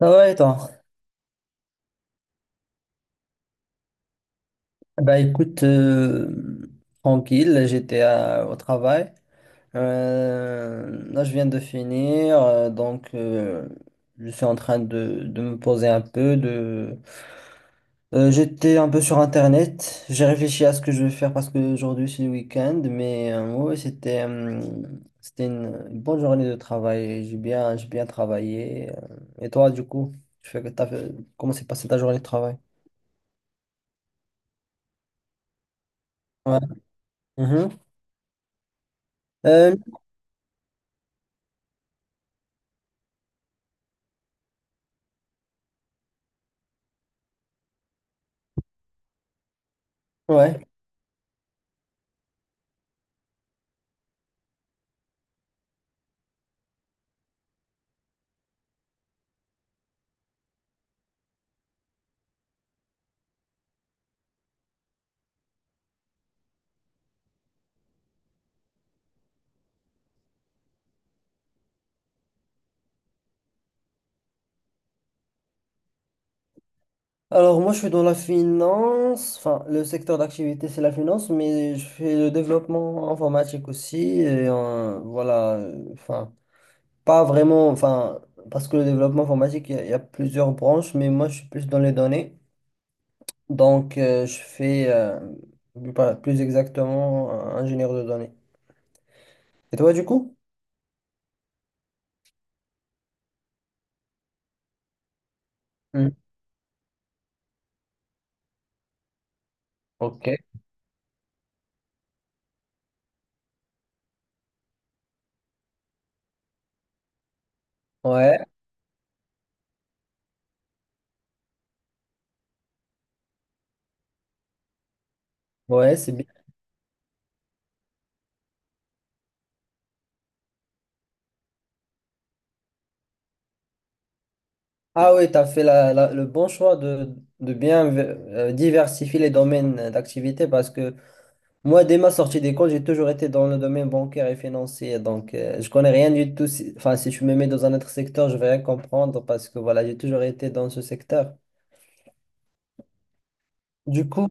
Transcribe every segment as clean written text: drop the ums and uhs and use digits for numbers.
Ah ouais, toi. Bah écoute, tranquille, j'étais au travail. Là, je viens de finir, donc je suis en train de me poser un peu. J'étais un peu sur Internet, j'ai réfléchi à ce que je vais faire parce qu'aujourd'hui c'est le week-end, mais ouais, c'était une bonne journée de travail, j'ai bien travaillé. Et toi, du coup, tu fais, t'as fait- comment s'est passée ta journée de travail? Ouais. Mhm. Euh, ouais. Alors moi je suis dans la finance, enfin le secteur d'activité c'est la finance, mais je fais le développement informatique aussi, et voilà, enfin pas vraiment, enfin parce que le développement informatique il y a il y a plusieurs branches, mais moi je suis plus dans les données, donc je fais plus exactement ingénieur de données. Et toi du coup? Hmm. Ok. Ouais, ouais, c'est bien. Ah oui, tu as fait le bon choix de bien diversifier les domaines d'activité parce que moi, dès ma sortie d'école, j'ai toujours été dans le domaine bancaire et financier. Donc, je connais rien du tout. Enfin, si tu me mets dans un autre secteur, je vais rien comprendre parce que voilà, j'ai toujours été dans ce secteur. Du coup,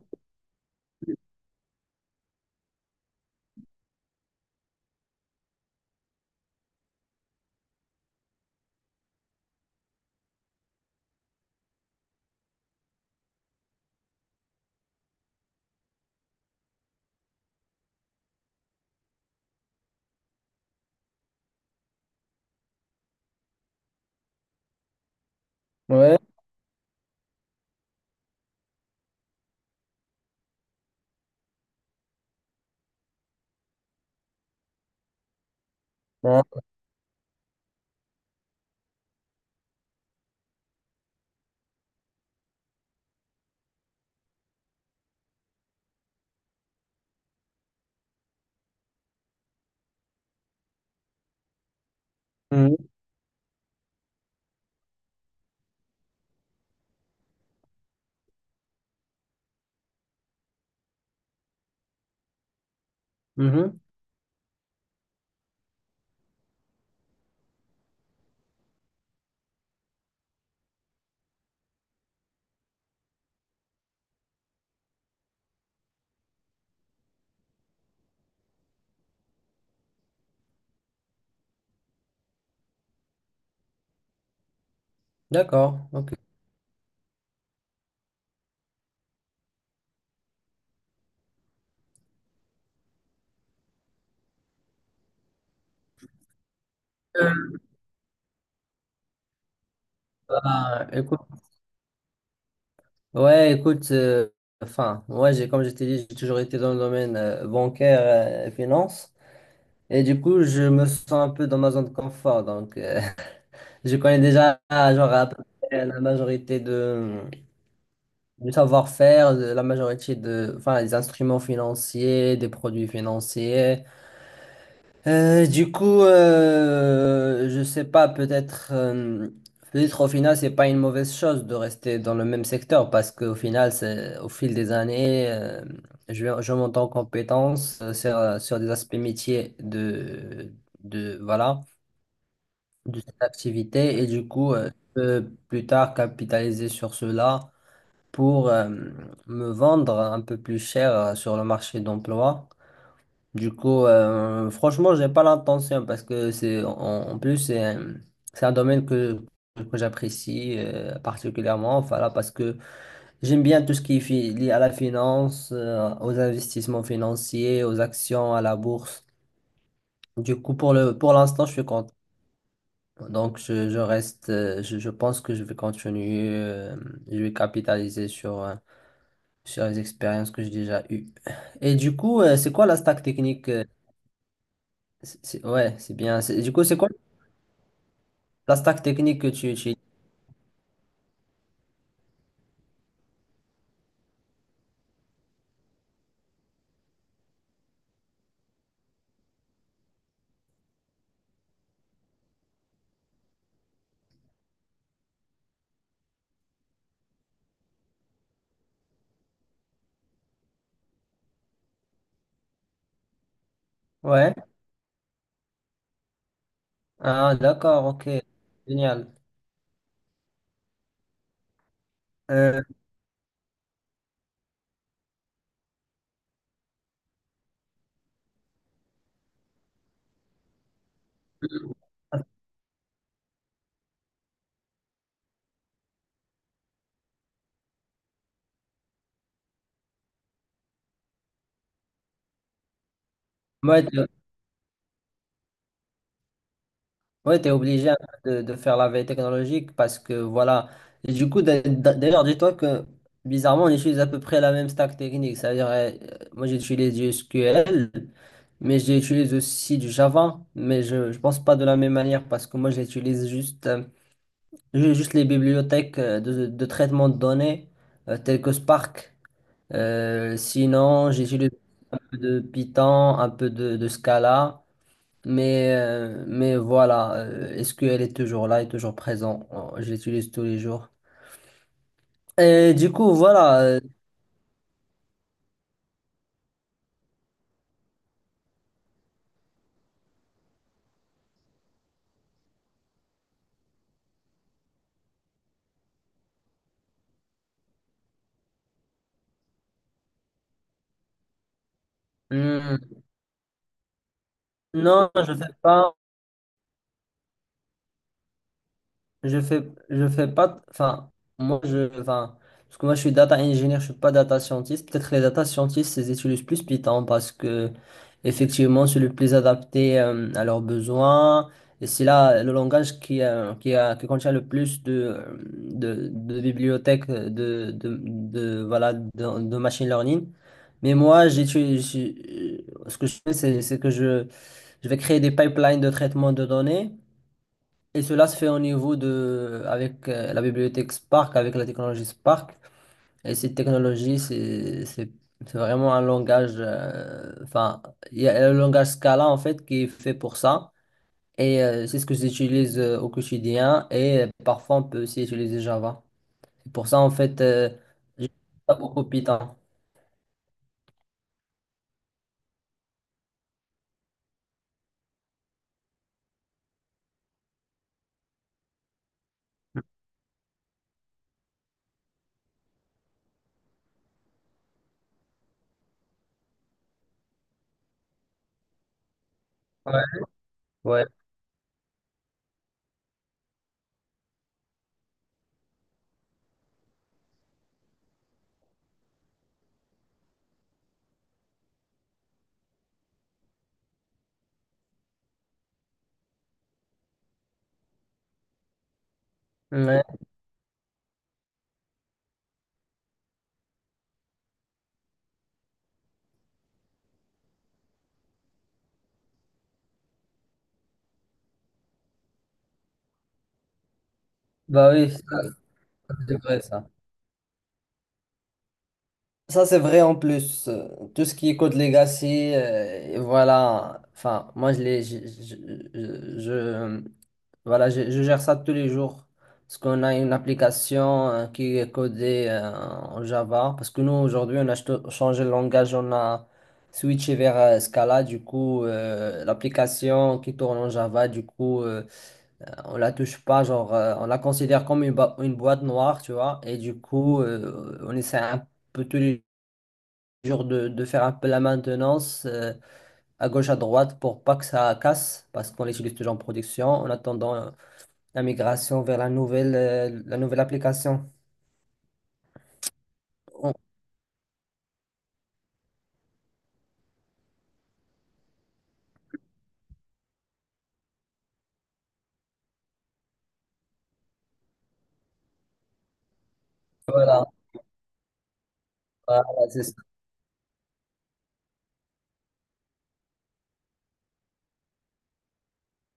ouais. Ouais, mhm, mhm. D'accord. Ok. Bah, écoute, ouais, écoute. Enfin, moi, j'ai, comme je t'ai dit, j'ai toujours été dans le domaine bancaire et finance. Et du coup, je me sens un peu dans ma zone de confort. Donc, je connais déjà, genre, à peu près la majorité de du savoir-faire, de la majorité de, enfin, des instruments financiers, des produits financiers. Du coup, je sais pas, peut-être au final, c'est pas une mauvaise chose de rester dans le même secteur parce qu'au final, c'est, au fil des années, je monte en compétences sur, sur des aspects métiers de, voilà, de cette activité et du coup, je peux plus tard capitaliser sur cela pour me vendre un peu plus cher sur le marché d'emploi. Du coup, franchement, j'ai pas l'intention parce que en plus c'est un domaine que j'apprécie particulièrement, voilà, parce que j'aime bien tout ce qui est lié à la finance, aux investissements financiers, aux actions, à la bourse. Du coup, pour l'instant, je suis content. Donc, je reste, je pense que je vais continuer, je vais capitaliser sur, sur les expériences que j'ai déjà eues. Et du coup, c'est quoi la stack technique? Ouais, c'est bien. Du coup, c'est quoi la stack technique que tu utilises? Ouais. Ah, d'accord, ok. Génial. Euh, ouais, ouais, t'es obligé un peu de faire la veille technologique parce que voilà. Et du coup, d'ailleurs, dis-toi que bizarrement, on utilise à peu près la même stack technique. C'est-à-dire, moi, j'utilise du SQL, mais j'utilise aussi du Java, mais je ne pense pas de la même manière parce que moi, j'utilise juste. Juste les bibliothèques de traitement de données telles que Spark. Sinon, j'utilise un peu de Python, un peu de Scala, mais voilà, SQL est toujours là, est toujours présent. Oh, je l'utilise tous les jours. Et du coup, voilà. Hmm. Non, je ne fais pas. Je fais pas, enfin, enfin, parce que moi, je suis data engineer, je suis pas data scientist. Peut-être les data scientists, ils utilisent plus Python parce que, effectivement, c'est le plus adapté à leurs besoins. Et c'est là le langage qui contient le plus de, de bibliothèques de, voilà, de machine learning. Mais moi, ce que je fais, c'est que je vais créer des pipelines de traitement de données. Et cela se fait au niveau de, avec la bibliothèque Spark, avec la technologie Spark. Et cette technologie, c'est vraiment un langage, enfin, il y a le langage Scala en fait qui est fait pour ça. Et c'est ce que j'utilise au quotidien. Et parfois, on peut aussi utiliser Java. Et pour ça, en fait, j'utilise pas beaucoup Python. Ouais. Ouais. Ouais. Bah oui, ça, c'est vrai ça. Ça, c'est vrai en plus. Tout ce qui est Code Legacy, et voilà. Enfin, moi, je, l'ai- je- voilà, je gère ça tous les jours. Parce qu'on a une application qui est codée en Java. Parce que nous, aujourd'hui, on a changé le langage, on a switché vers Scala. Du coup, l'application qui tourne en Java, du coup, on la touche pas. Genre, on la considère comme une boîte noire, tu vois. Et du coup, on essaie un peu tous les genre de faire un peu la maintenance à gauche, à droite pour pas que ça casse, parce qu'on l'utilise toujours en production, en attendant la migration vers la la nouvelle application. On- Voilà, voilà, c'est ça.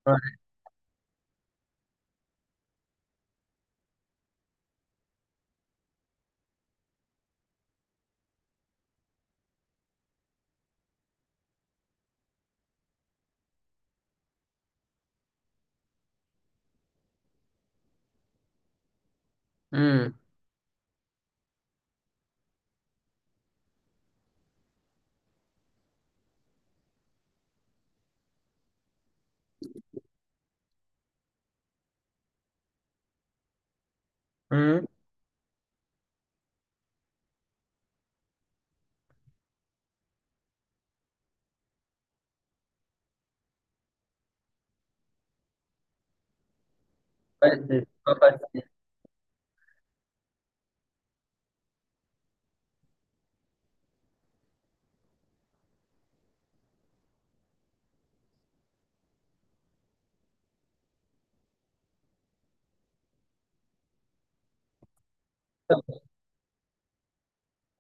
Ouais. Hmm, hmm. Ouais, c'est pas facile.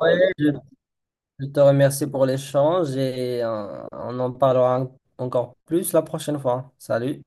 Ouais, je te remercie pour l'échange et on en parlera encore plus la prochaine fois. Salut.